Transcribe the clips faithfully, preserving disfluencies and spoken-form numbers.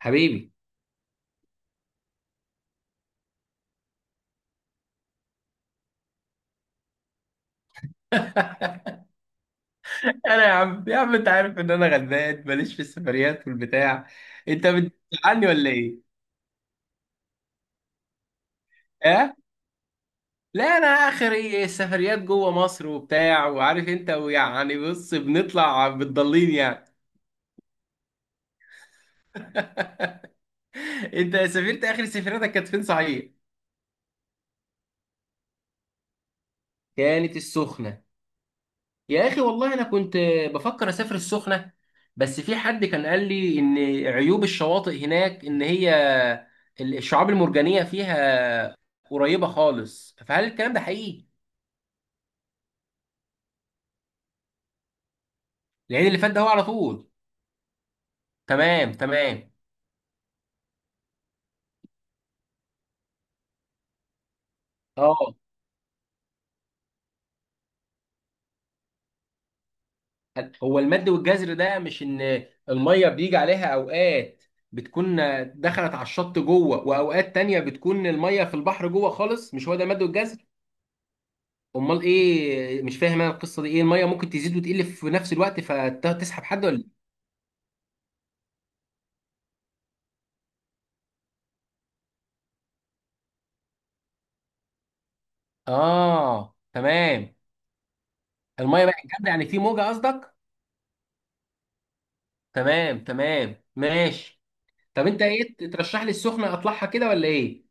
حبيبي. انا يا عم يا عم انت عارف ان انا غلبان ماليش في السفريات والبتاع. انت بتزعلني ولا ايه؟ ها؟ لا، انا اخري السفريات جوه مصر وبتاع، وعارف انت، ويعني بص بنطلع بتضلين يعني. انت سافرت اخر سفريتك كانت فين صحيح؟ كانت السخنة. يا أخي، والله أنا كنت بفكر أسافر السخنة، بس في حد كان قال لي إن عيوب الشواطئ هناك إن هي الشعاب المرجانية فيها قريبة خالص، فهل الكلام ده حقيقي؟ العيد اللي فات ده هو على طول. تمام تمام. اه، هو المد والجزر ده مش ان الميه بيجي عليها اوقات بتكون دخلت على الشط جوه، واوقات تانية بتكون الميه في البحر جوه خالص؟ مش هو ده المد والجزر؟ امال ايه؟ مش فاهم انا القصه دي ايه. الميه ممكن تزيد وتقل في نفس الوقت فتسحب حد ولا إيه؟ اه تمام. الميه بقى جامده، يعني في موجه قصدك. تمام تمام ماشي. طب انت ايه ترشح لي السخنه اطلعها كده ولا ايه؟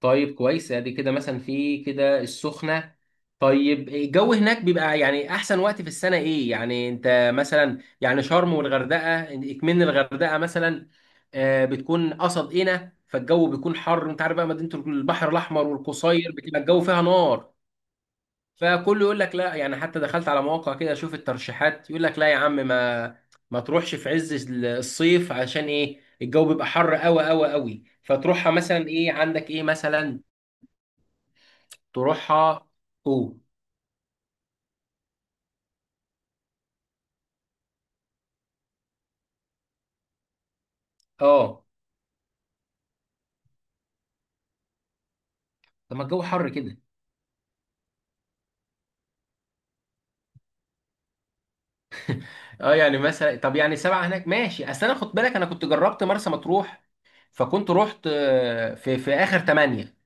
طيب كويس. ادي كده مثلا في كده السخنة. طيب الجو هناك بيبقى يعني احسن وقت في السنة ايه؟ يعني انت مثلا يعني شرم والغردقة، اكمن الغردقة مثلا آه، بتكون قصد هنا، فالجو بيكون حر، انت عارف بقى، مدينة البحر الاحمر والقصير بتبقى الجو فيها نار. فكله يقول لك لا، يعني حتى دخلت على مواقع كده اشوف الترشيحات، يقول لك لا يا عم، ما ما تروحش في عز ال- الصيف عشان ايه؟ الجو بيبقى حر قوي قوي قوي. فتروحها مثلا ايه؟ عندك ايه مثلا تروحها؟ اوه. اه، طب ما الجو حر كده. اه يعني مثلا، طب يعني سبعة هناك ماشي. اصل انا، خد بالك، انا كنت جربت مرسى مطروح، فكنت رحت آه، في في اخر تمانية،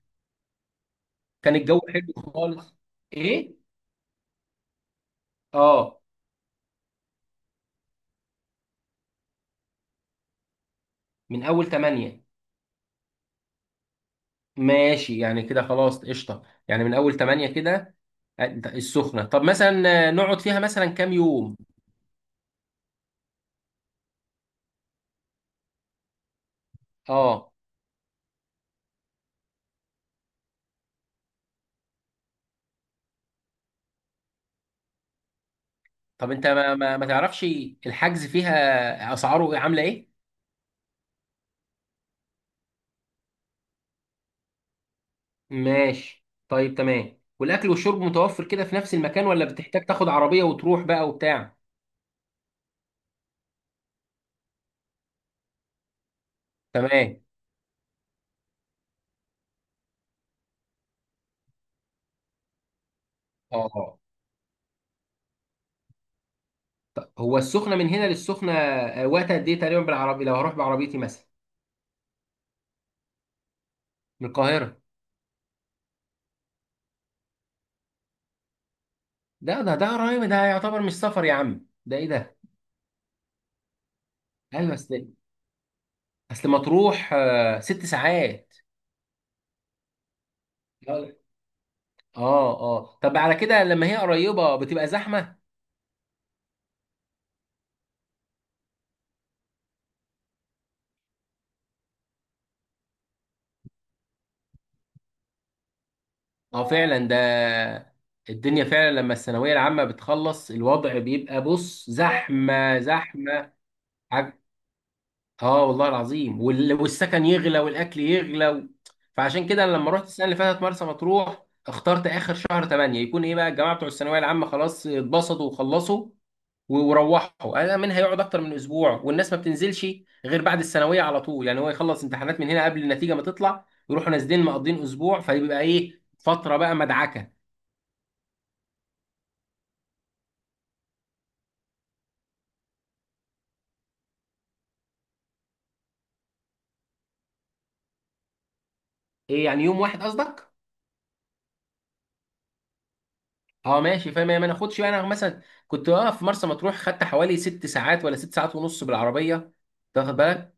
كان الجو حلو خالص. ايه؟ اه، من اول تمانية. ماشي يعني، كده خلاص قشطة، يعني من اول تمانية كده. آه، السخنة، طب مثلا آه، نقعد فيها مثلا كام يوم؟ اه. طب انت ما, ما, ما تعرفش الحجز فيها اسعاره إيه؟ عاملة ايه؟ ماشي طيب، تمام. والاكل والشرب متوفر كده في نفس المكان، ولا بتحتاج تاخد عربيه وتروح بقى وبتاع؟ تمام. اه طب، هو السخنه من هنا للسخنه آه، وقت قد ايه تقريبا بالعربيه لو هروح بعربيتي مثلا؟ من القاهره. ده ده ده قريب، ده يعتبر مش سفر يا عم، ده ايه ده؟ ايوه، اصل اصل مطروح آه، ست ساعات. اه اه. طب على كده لما هي قريبه بتبقى زحمه. اه فعلا، ده الدنيا فعلا، لما الثانوية العامة بتخلص الوضع بيبقى، بص، زحمة زحمة. حاجة. اه والله العظيم، وال- والسكن يغلى والأكل يغلى و... فعشان كده أنا لما رحت السنة اللي فاتت مرسى مطروح اخترت آخر شهر تمانية، يكون إيه بقى الجماعة بتوع الثانوية العامة خلاص اتبسطوا وخلصوا و- وروحوا. أنا من هيقعد أكتر من أسبوع، والناس ما بتنزلش غير بعد الثانوية على طول، يعني هو يخلص امتحانات من هنا قبل النتيجة ما تطلع يروحوا نازلين مقضين أسبوع، فيبقى إيه، فترة بقى مدعكة. ايه يعني، يوم واحد قصدك؟ اه ماشي فاهم. يعني ما ناخدش، يعني أنا مثلا كنت واقف في مرسى مطروح خدت حوالي ست ساعات ولا ست ساعات ونص بالعربيه، تاخد بالك.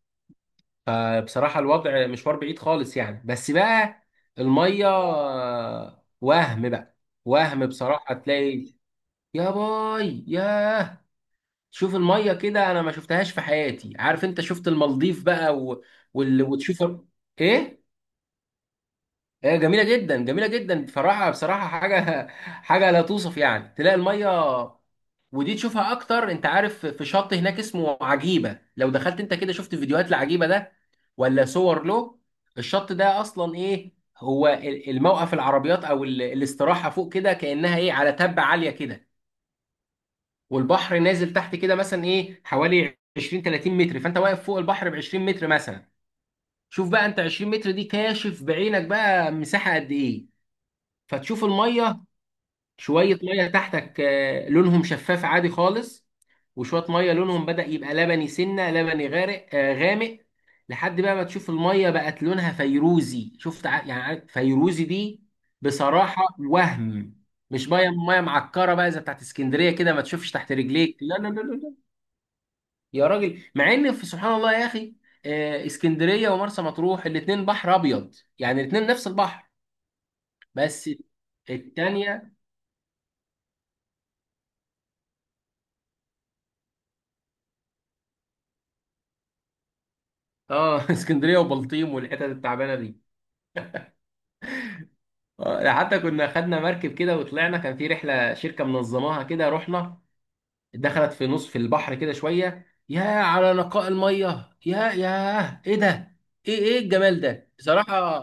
فبصراحه الوضع مشوار بعيد خالص يعني، بس بقى الميه آه، وهم بقى، وهم بصراحه تلاقي. يا باي، ياه، شوف الميه كده، انا ما شفتهاش في حياتي. عارف انت، شفت المالديف بقى و... وال... وتشوف ايه. هي جميله جدا جميله جدا بصراحه، بصراحه حاجه، حاجه لا توصف يعني. تلاقي الميه، ودي تشوفها اكتر، انت عارف في شط هناك اسمه عجيبه، لو دخلت انت كده شفت فيديوهات لعجيبه ده ولا صور له. الشط ده اصلا ايه هو ال- الموقف العربيات او ال- الاستراحه فوق كده كانها ايه على تبه عاليه كده، والبحر نازل تحت كده مثلا ايه حوالي عشرين تلاتين متر، فانت واقف فوق البحر ب عشرين متر مثلا. شوف بقى انت عشرين متر دي كاشف بعينك بقى مساحه قد ايه. فتشوف الميه، شويه ميه تحتك آه، لونهم شفاف عادي خالص، وشويه ميه لونهم بدأ يبقى لبني، سنه لبني غارق آه، غامق، لحد بقى ما تشوف الميه بقت لونها فيروزي. شفت ع- يعني عارف فيروزي دي. بصراحه وهم. مش ميه، ميه معكره بقى زي بتاعت اسكندريه كده ما تشوفش تحت رجليك، لا لا لا لا لا. يا راجل، مع ان في سبحان الله يا اخي آه، اسكندريه ومرسى مطروح الاتنين بحر ابيض، يعني الاتنين نفس البحر، بس التانية. اه اسكندريه وبلطيم والحتت التعبانه دي آه، حتى كنا خدنا مركب كده وطلعنا، كان في رحله شركه منظماها كده، رحنا دخلت في نص في البحر كده شويه، يا على نقاء الميه، يا يا ايه ده، ايه ايه الجمال ده بصراحه.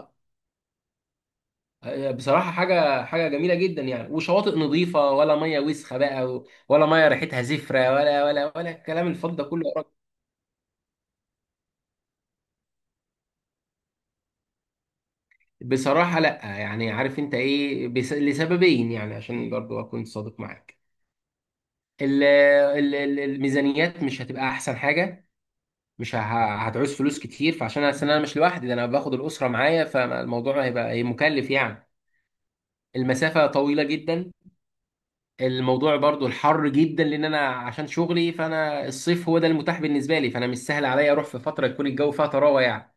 آه، بصراحه حاجه، حاجه جميله جدا يعني، وشواطئ نظيفه، ولا ميه وسخه بقى، ولا ميه ريحتها زفره، ولا ولا ولا الكلام الفض ده كله يا راجل. بصراحه لا، يعني عارف انت ايه بس- لسببين، يعني عشان برضو اكون صادق معاك، ال- ال- ال- الميزانيات مش هتبقى احسن حاجه، مش ه- هتعوز فلوس كتير. فعشان أصل انا مش لوحدي، ده انا باخد الاسره معايا، فالموضوع هيبقى هي مكلف يعني. المسافه طويله جدا. الموضوع برضو الحر جدا، لان انا عشان شغلي فانا الصيف هو ده المتاح بالنسبه لي، فانا مش سهل عليا اروح في فتره يكون الجو فيها طراوه يعني.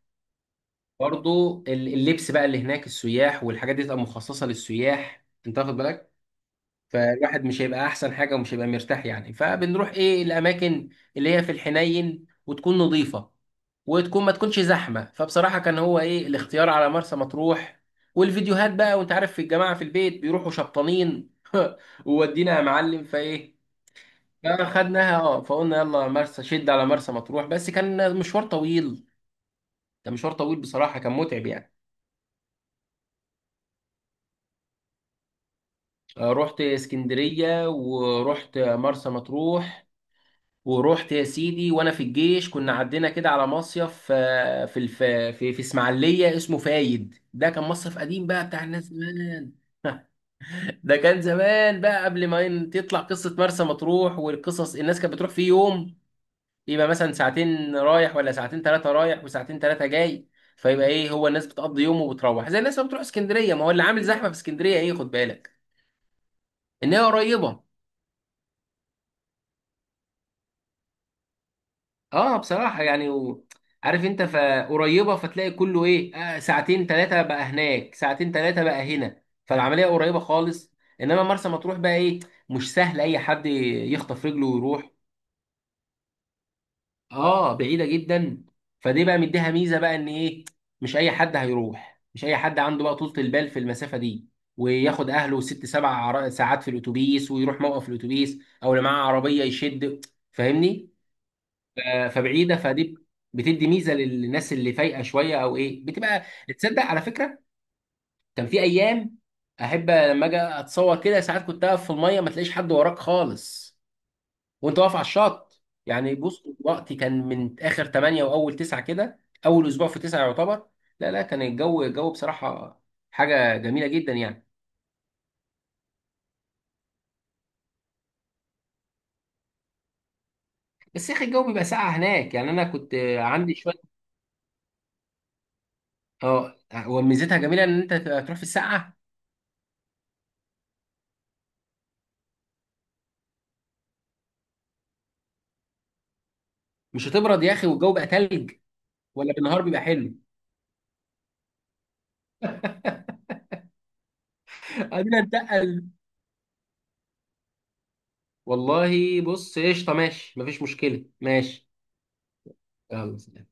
برضو ال- اللبس بقى اللي هناك، السياح والحاجات دي تبقى مخصصه للسياح، انت واخد بالك، فالواحد مش هيبقى احسن حاجه ومش هيبقى مرتاح يعني. فبنروح ايه الاماكن اللي هي في الحنين وتكون نظيفه، وتكون ما تكونش زحمه. فبصراحه كان هو ايه الاختيار على مرسى مطروح، والفيديوهات بقى، وانت عارف في الجماعه في البيت بيروحوا شبطانين وودينا يا معلم، فايه فاخدناها اه، فقلنا يلا مرسى، شد على مرسى مطروح. بس كان مشوار طويل، كان مشوار طويل بصراحه، كان متعب يعني. آه، رحت اسكندريه ورحت مرسى مطروح، ورحت يا سيدي وانا في الجيش كنا عدينا كده على مصيف آه، في الف... في في اسماعيليه اسمه فايد، ده كان مصيف قديم بقى بتاع الناس زمان. ده كان زمان بقى قبل ما ين- تطلع قصه مرسى مطروح والقصص، الناس كانت بتروح فيه يوم، يبقى مثلا ساعتين رايح ولا ساعتين ثلاثه رايح، وساعتين ثلاثه جاي، فيبقى ايه، هو الناس بتقضي يوم وبتروح زي الناس ما بتروح اسكندريه. ما هو اللي عامل زحمه في اسكندريه ايه، خد بالك، ان هي قريبه. اه بصراحة يعني و... عارف انت، فقريبة، فتلاقي كله ايه آه ساعتين ثلاثة بقى هناك، ساعتين ثلاثة بقى هنا، فالعملية قريبة خالص. انما مرسى مطروح بقى ايه، مش سهل اي حد يخطف رجله ويروح. اه بعيدة جدا. فدي بقى مديها ميزة بقى ان ايه، مش اي حد هيروح، مش اي حد عنده بقى طولة البال في المسافة دي، وياخد اهله ست سبع عر- ساعات في الاتوبيس ويروح موقف الاتوبيس، او اللي معاه عربية يشد، فاهمني؟ آه، فبعيده، فدي بتدي ميزه للناس اللي فايقه شويه او ايه بتبقى. تصدق على فكره، كان في ايام احب لما اجي اتصور كده ساعات كنت اقف في الميه ما تلاقيش حد وراك خالص وانت واقف على الشط يعني. بص، وقتي كان من اخر تمانية واول تسعة كده، اول اسبوع في تسعة يعتبر. لا لا، كان الجو، الجو بصراحه حاجه جميله جدا يعني. بس يا اخي الجو بيبقى ساقع هناك، يعني انا كنت عندي شويه. اه، وميزتها جميله ان انت تروح في الساقعه. مش هتبرد يا اخي والجو بقى تلج؟ ولا بالنهار بيبقى حلو. قبل انتقل. والله بص قشطه ماشي، مفيش مشكله ماشي. يلا سلام.